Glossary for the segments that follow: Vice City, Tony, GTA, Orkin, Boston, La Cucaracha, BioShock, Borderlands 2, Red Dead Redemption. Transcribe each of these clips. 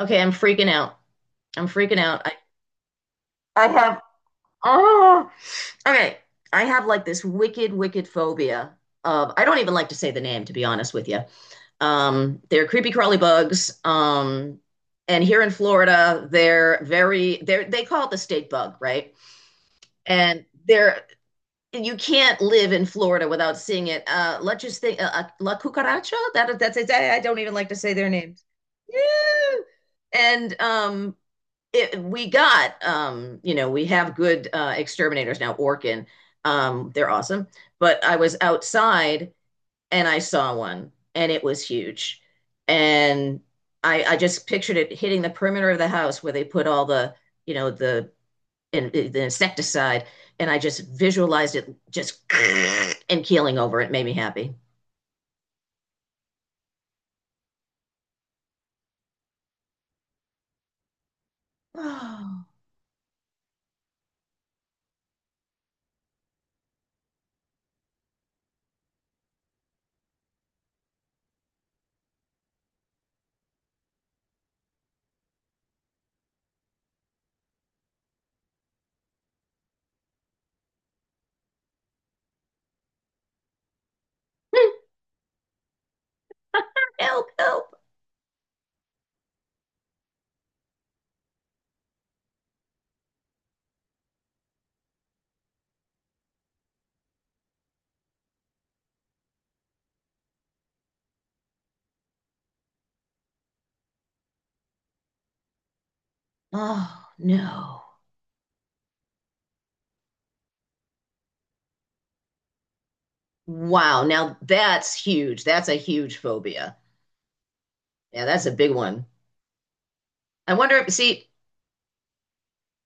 Okay, I'm freaking out. I'm freaking out. I have oh, okay. I have like this wicked, wicked phobia of I don't even like to say the name, to be honest with you. They're creepy crawly bugs. And here in Florida, they call it the state bug, right? And they're you can't live in Florida without seeing it. Let's just think, La Cucaracha. That's it. I don't even like to say their names. Yeah. And we got we have good exterminators now, Orkin. They're awesome, but I was outside and I saw one and it was huge. And I just pictured it hitting the perimeter of the house where they put all the, you know the the insecticide. And I just visualized it just and keeling over. It made me happy. Oh. Help, help. Oh no. Wow, now that's huge. That's a huge phobia. Yeah, that's a big one. I wonder if, see,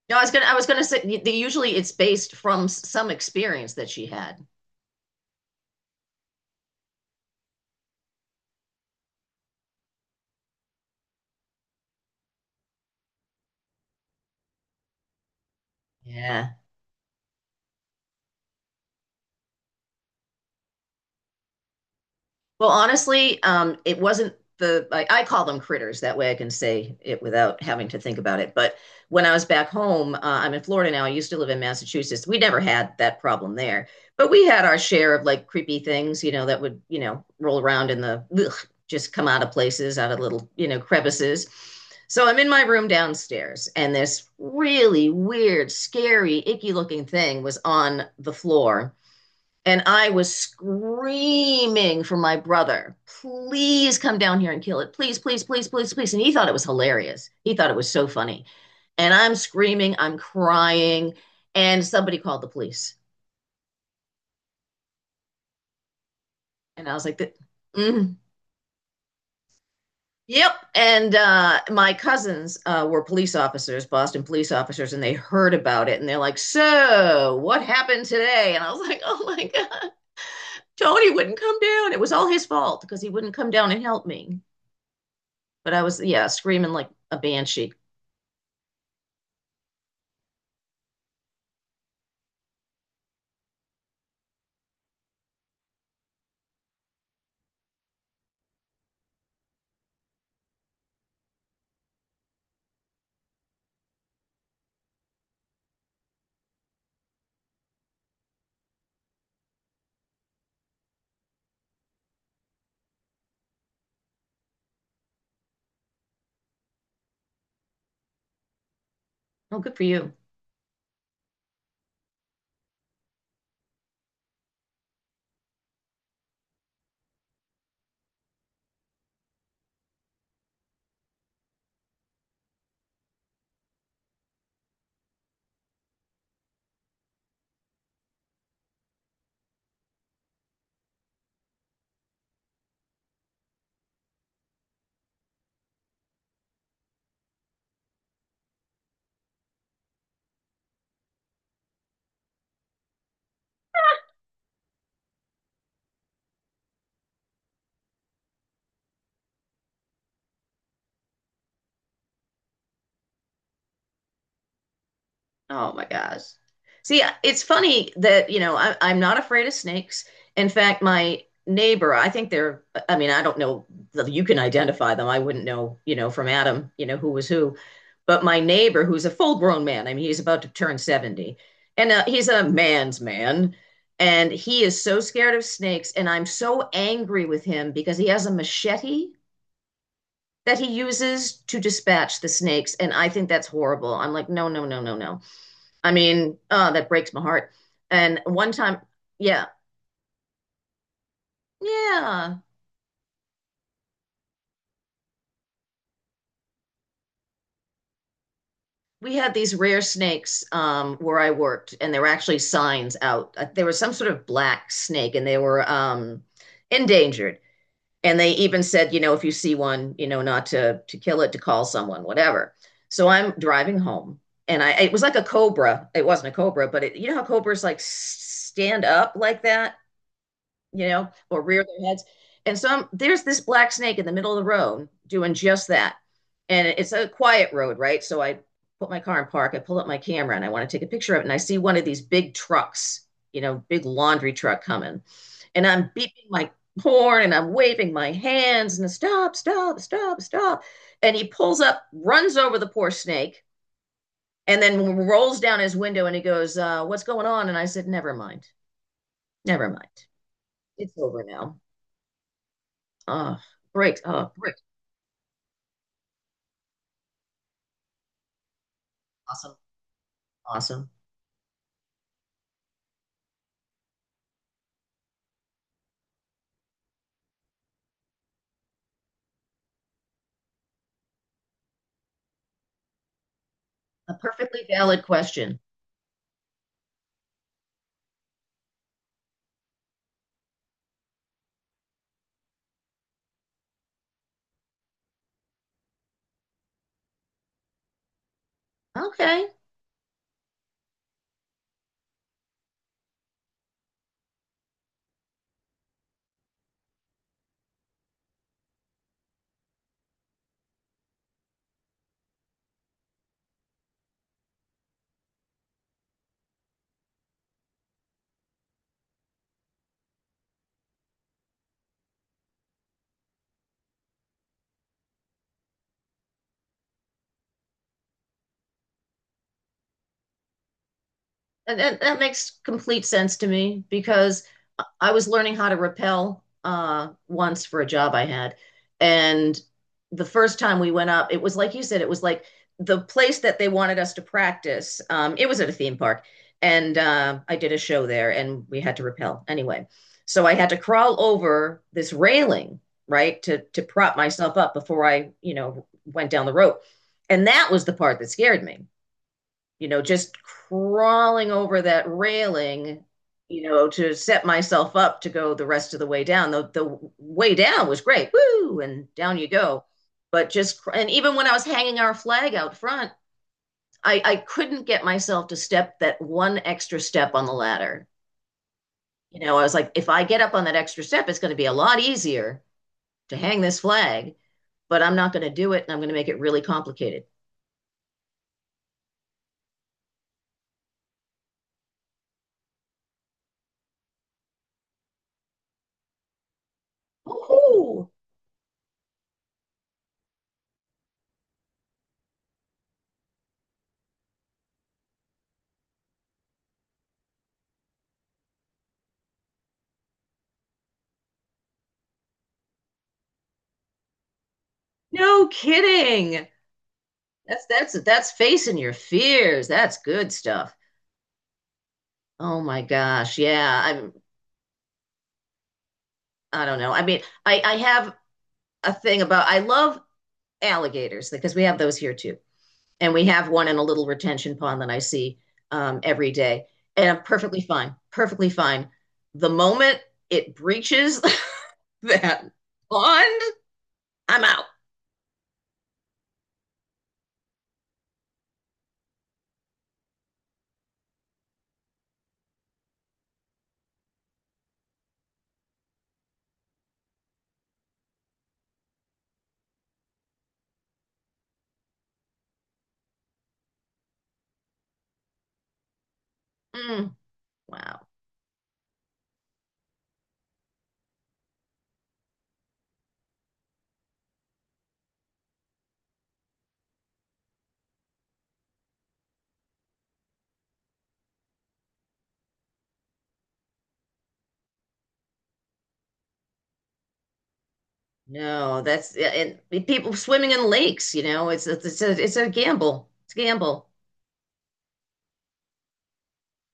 no, I was gonna say usually it's based from some experience that she had. Yeah. Well, honestly, it wasn't I call them critters. That way I can say it without having to think about it. But when I was back home, I'm in Florida now. I used to live in Massachusetts. We never had that problem there, but we had our share of like creepy things, you know, that would, you know, roll around in the, ugh, just come out of places, out of little, you know, crevices. So I'm in my room downstairs, and this really weird, scary, icky looking thing was on the floor, and I was screaming for my brother, please come down here and kill it. Please, please, please, please, please. And he thought it was hilarious. He thought it was so funny. And I'm screaming, I'm crying. And somebody called the police. And I was like, mm, yep. And my cousins were police officers, Boston police officers, and they heard about it. And they're like, so what happened today? And I was like, oh my God, Tony wouldn't come down. It was all his fault because he wouldn't come down and help me. But I was, yeah, screaming like a banshee. Oh, good for you. Oh my gosh. See, it's funny that, you know, I'm not afraid of snakes. In fact, my neighbor, I think they're, I mean, I don't know that you can identify them. I wouldn't know, you know, from Adam, you know, who was who. But my neighbor, who's a full grown man, I mean, he's about to turn 70, and he's a man's man. And he is so scared of snakes. And I'm so angry with him because he has a machete that he uses to dispatch the snakes. And I think that's horrible. I'm like, no, no, no, no, no. I mean, oh, that breaks my heart. And one time, yeah, yeah, we had these rare snakes where I worked, and there were actually signs out. There was some sort of black snake, and they were endangered. And they even said, you know, if you see one, you know, not to kill it, to call someone, whatever. So I'm driving home, and I it was like a cobra. It wasn't a cobra, but it, you know how cobras like stand up like that, you know, or rear their heads. And so I'm, there's this black snake in the middle of the road doing just that. And it's a quiet road, right? So I put my car in park. I pull up my camera and I want to take a picture of it. And I see one of these big trucks, you know, big laundry truck coming, and I'm beeping my horn and I'm waving my hands and stop, stop, stop, stop. And he pulls up, runs over the poor snake, and then rolls down his window and he goes, what's going on? And I said, never mind. Never mind. It's over now. Oh, great. Oh, great. Awesome. Awesome. A perfectly valid question. Okay. And that, that makes complete sense to me because I was learning how to rappel once for a job I had. And the first time we went up, it was like you said, it was like the place that they wanted us to practice. It was at a theme park. And I did a show there and we had to rappel anyway. So I had to crawl over this railing, right, to prop myself up before I, you know, went down the rope. And that was the part that scared me, you know, just crawling over that railing, you know, to set myself up to go the rest of the way down. The way down was great. Woo! And down you go. But just and even when I was hanging our flag out front, I couldn't get myself to step that one extra step on the ladder. You know, I was like, if I get up on that extra step, it's going to be a lot easier to hang this flag, but I'm not going to do it and I'm going to make it really complicated. Oh, no kidding. That's that's facing your fears. That's good stuff. Oh my gosh. Yeah. I'm I don't know. I mean, I have a thing about I love alligators because we have those here too. And we have one in a little retention pond that I see every day. And I'm perfectly fine. Perfectly fine. The moment it breaches that pond, I'm out. Mm, wow. No, that's yeah, and people swimming in lakes, you know, it's a it's a gamble. It's a gamble.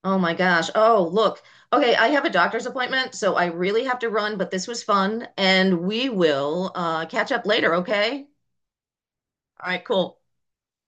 Oh my gosh. Oh, look. Okay, I have a doctor's appointment, so I really have to run, but this was fun, and we will catch up later, okay? All right, cool.